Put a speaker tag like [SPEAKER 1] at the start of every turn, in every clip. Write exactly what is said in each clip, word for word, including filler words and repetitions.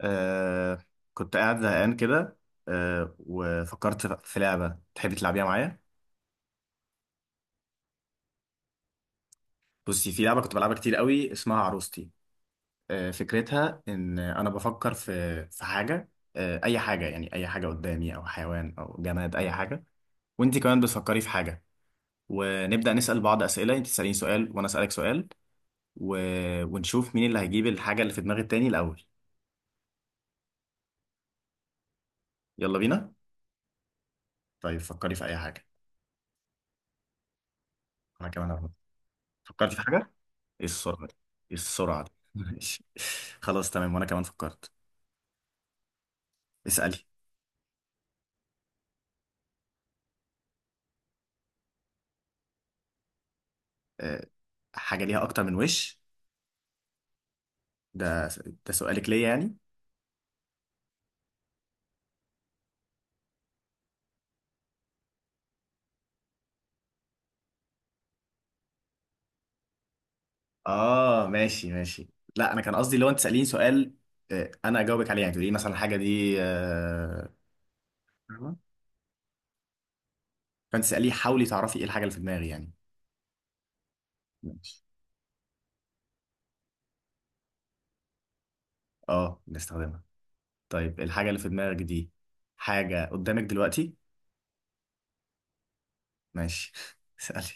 [SPEAKER 1] آه كنت قاعد زهقان كده. آه وفكرت في لعبة تحبي تلعبيها معايا. بصي، في لعبة كنت بلعبها كتير قوي اسمها عروستي. آه فكرتها إن أنا بفكر في في حاجة. آه أي حاجة، يعني أي حاجة قدامي، أو حيوان أو جماد، أي حاجة. وأنت كمان بتفكري في حاجة، ونبدأ نسأل بعض أسئلة، أنت تسأليني سؤال وأنا أسألك سؤال و... ونشوف مين اللي هيجيب الحاجة اللي في دماغ التاني الأول. يلا بينا. طيب، فكري في أي حاجة. أنا كمان أهو. فكرتي في حاجة؟ ايه السرعة دي؟ ايه السرعة دي؟ ماشي. خلاص تمام، وانا كمان فكرت. اسألي. أه حاجة ليها اكتر من وش؟ ده ده سؤالك ليا يعني؟ اه، ماشي ماشي. لا، انا كان قصدي لو انت تسأليني سؤال، أه انا اجاوبك عليه، يعني تقولي لي مثلا الحاجة دي، أه فاهمة؟ فانت تسأليه، حاولي تعرفي ايه الحاجة اللي في دماغي يعني. ماشي. اه، بنستخدمها. طيب، الحاجة اللي في دماغك دي حاجة قدامك دلوقتي؟ ماشي. اسألي.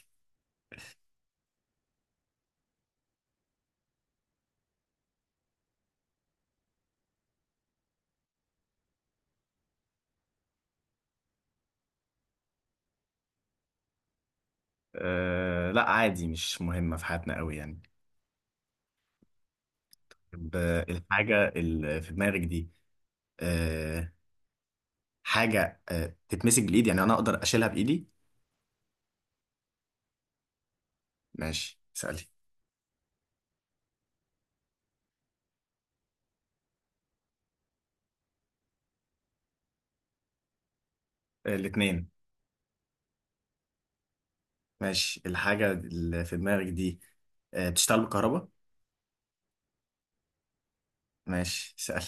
[SPEAKER 1] أه لا، عادي مش مهمة في حياتنا قوي يعني. طب، آه، الحاجة اللي في دماغك دي، آه، حاجة آه، تتمسك بالإيد، يعني أنا أقدر أشيلها بإيدي. ماشي، سألي. الاتنين. ماشي، الحاجة اللي في دماغك دي، آه، بتشتغل بالكهرباء؟ ماشي، سألي.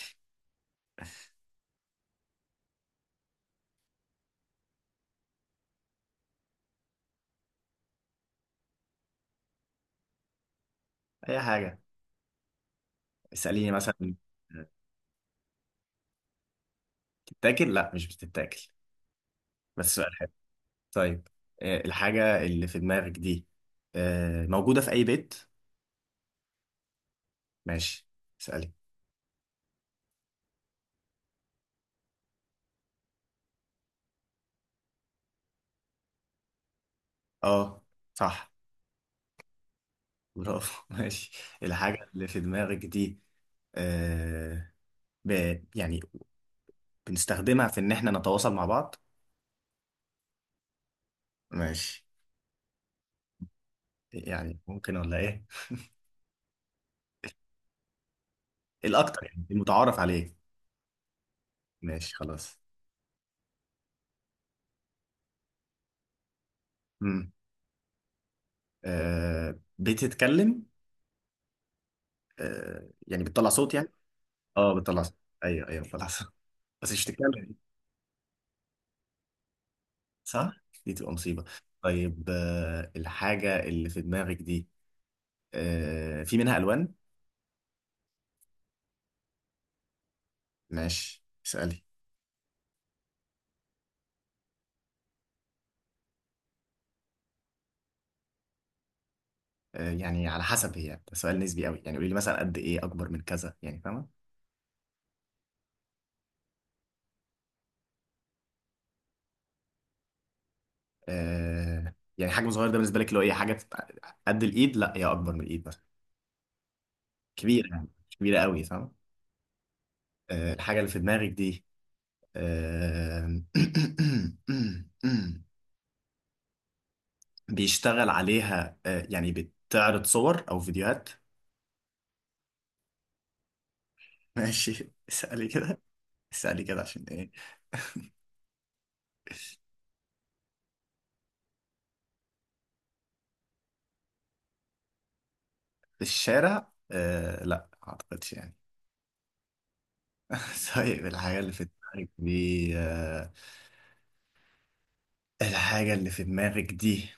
[SPEAKER 1] أي حاجة. اسأليني مثلا. آه، بتتاكل؟ لا، مش بتتاكل، بس سؤال حلو. طيب، آه، الحاجة اللي في دماغك دي آه، موجودة في أي بيت؟ ماشي، سألي. اه، صح. برافو. ماشي، الحاجة اللي في دماغك دي، آه ب... يعني بنستخدمها في ان احنا نتواصل مع بعض؟ ماشي. يعني ممكن ولا ايه؟ الاكتر يعني المتعارف عليه. ماشي خلاص. امم. آه بتتكلم؟ آه يعني بتطلع صوت يعني. اه، بتطلع صوت. ايوه ايوه بتطلع صوت، بس مش بتتكلم. صح، دي تبقى مصيبة. طيب، آه الحاجة اللي في دماغك دي آه في منها الوان؟ ماشي، اسألي. آه يعني على حسب، هي ده سؤال نسبي قوي، يعني قولي لي مثلا قد ايه اكبر من كذا يعني، فاهمة؟ آه يعني حجم صغير ده بالنسبه لك؟ لو ايه حاجه تبقى قد الايد، لا هي اكبر من الايد مثلا، كبيره يعني، مش كبيره قوي، فاهم؟ آه الحاجه اللي في دماغك دي، آه بيشتغل عليها، آه يعني بتعرض صور او فيديوهات؟ ماشي، اسالي كده. اسالي كده عشان ايه. في الشارع؟ آه لا، ما اعتقدش يعني. طيب، الحاجه اللي في دماغك دي آه الحاجه اللي في دماغك دي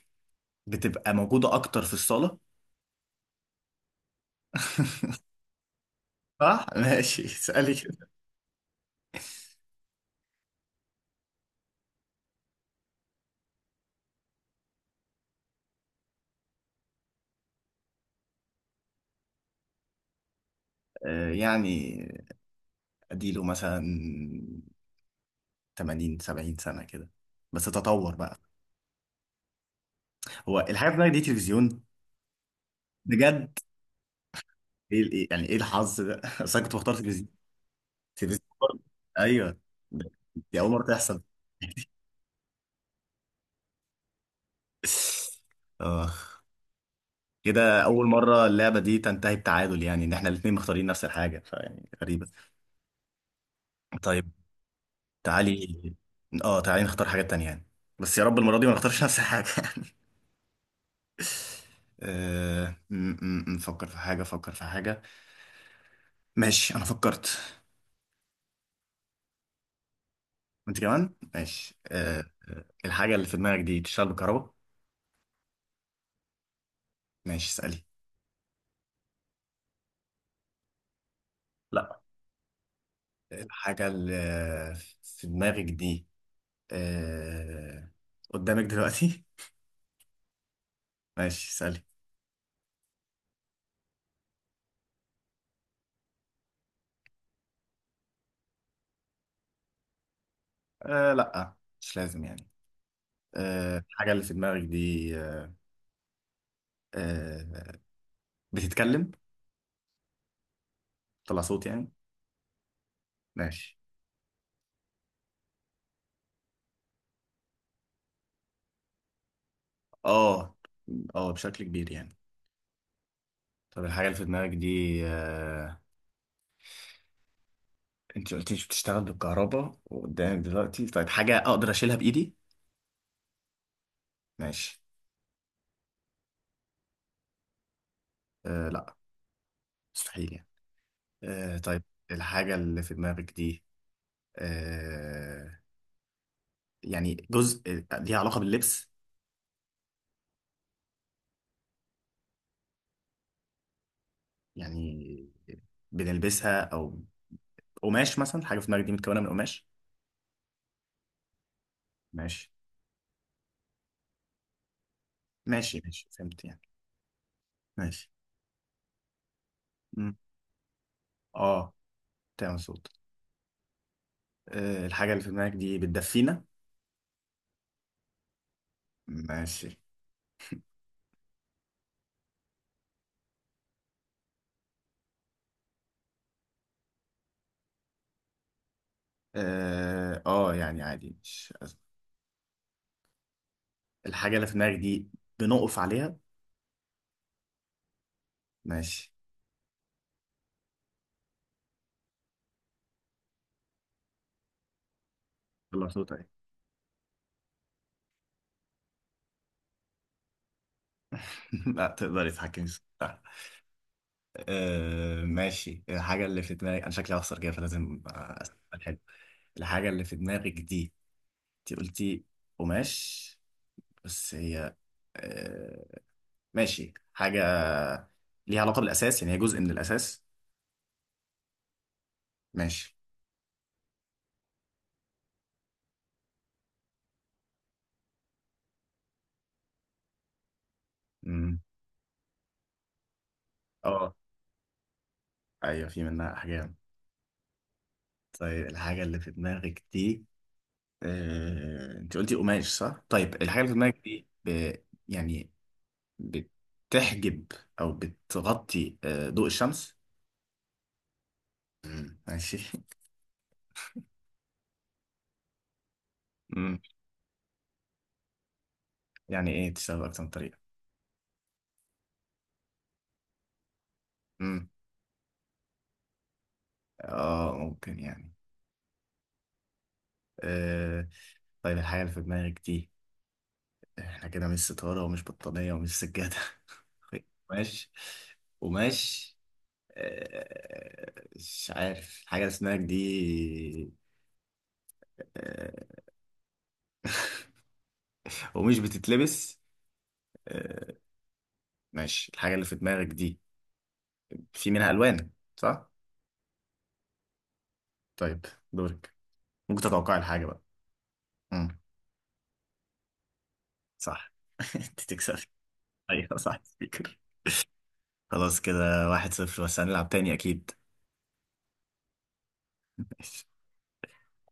[SPEAKER 1] بتبقى موجوده اكتر في الصاله؟ صح. ماشي، اسألي كده. آه، يعني اديله مثلا ثمانين سبعين سنة كده، بس تطور بقى. هو الحاجة بتاعتك دي تلفزيون؟ بجد؟ ايه، إيه- يعني ايه الحظ ده؟ اصل انا كنت بختار تلفزيون. تلفزيون برضه. ايوه، دي اول مرة تحصل. اه، كده اول مرة اللعبة دي تنتهي بتعادل، يعني ان احنا الاتنين مختارين نفس الحاجة، فيعني غريبة. طيب. تعالي. اه، تعالي نختار حاجات تانية يعني، بس يا رب المرة دي ما نختارش نفس الحاجة. أه... م- م- نفكر في حاجة، فكر في حاجة. ماشي، أنا فكرت. وأنت كمان، ماشي أه... آه، الحاجة اللي في دماغك دي تشتغل بالكهرباء؟ ماشي، اسألي. لا. الحاجة اللي في دماغك دي، أه... قدامك دلوقتي؟ ماشي، اسألي. أه... لا، مش لازم يعني. أه... الحاجة اللي في دماغك دي أه... بتتكلم؟ طلع صوت يعني؟ ماشي. اه، اه، بشكل كبير يعني. طب، الحاجة اللي في دماغك دي، آه، انت قلتيش بتشتغل بالكهرباء وقدام دلوقتي، طيب حاجة اقدر اشيلها بايدي؟ ماشي. آه لا، مستحيل يعني. آه طيب، الحاجة اللي في دماغك دي، آه يعني جزء، آه، ليها علاقة باللبس؟ يعني بنلبسها، او قماش مثلا، حاجة في دماغك دي متكونة من قماش؟ ماشي ماشي ماشي، فهمت يعني. ماشي. مم. اه، تمام صوت. آه الحاجة اللي في دماغك دي بتدفينا؟ ماشي. اه، آه، يعني عادي، مش أزمة. الحاجة اللي في دماغك دي بنقف عليها؟ ماشي. يلا، صوت اهي. لا، تقدري تتحكمي في صوتها. أه ماشي، الحاجة اللي في دماغك، أنا شكلي هخسر كده فلازم آه، أسأل حلو. الحاجة اللي في دماغك دي، أنت قلتي قماش، بس هي، أه ماشي، حاجة ليها علاقة بالأساس، يعني هي جزء من الأساس؟ ماشي. أمم، أه أيوه، في منها أحجام. طيب، الحاجة اللي في دماغك دي، آه، انت قلتي قماش صح؟ طيب، الحاجة اللي في دماغك دي ب... يعني بتحجب او بتغطي آه، ضوء الشمس؟ مم، ماشي. مم. يعني ايه تشتغل اكتر من طريقة؟ مم. اه، ممكن يعني. آه، طيب، الحاجة اللي في دماغك دي احنا كده مش ستارة ومش بطانية ومش سجادة. قماش، قماش، آه، مش عارف الحاجة اللي في دماغك دي، آه، ومش بتتلبس آه، ماشي، الحاجة اللي في دماغك دي في منها ألوان صح؟ طيب، دورك، ممكن تتوقع الحاجة بقى. امم. صح. انت تكسب. ايوه، صح، سبيكر. خلاص، كده واحد صفر، بس هنلعب تاني أكيد.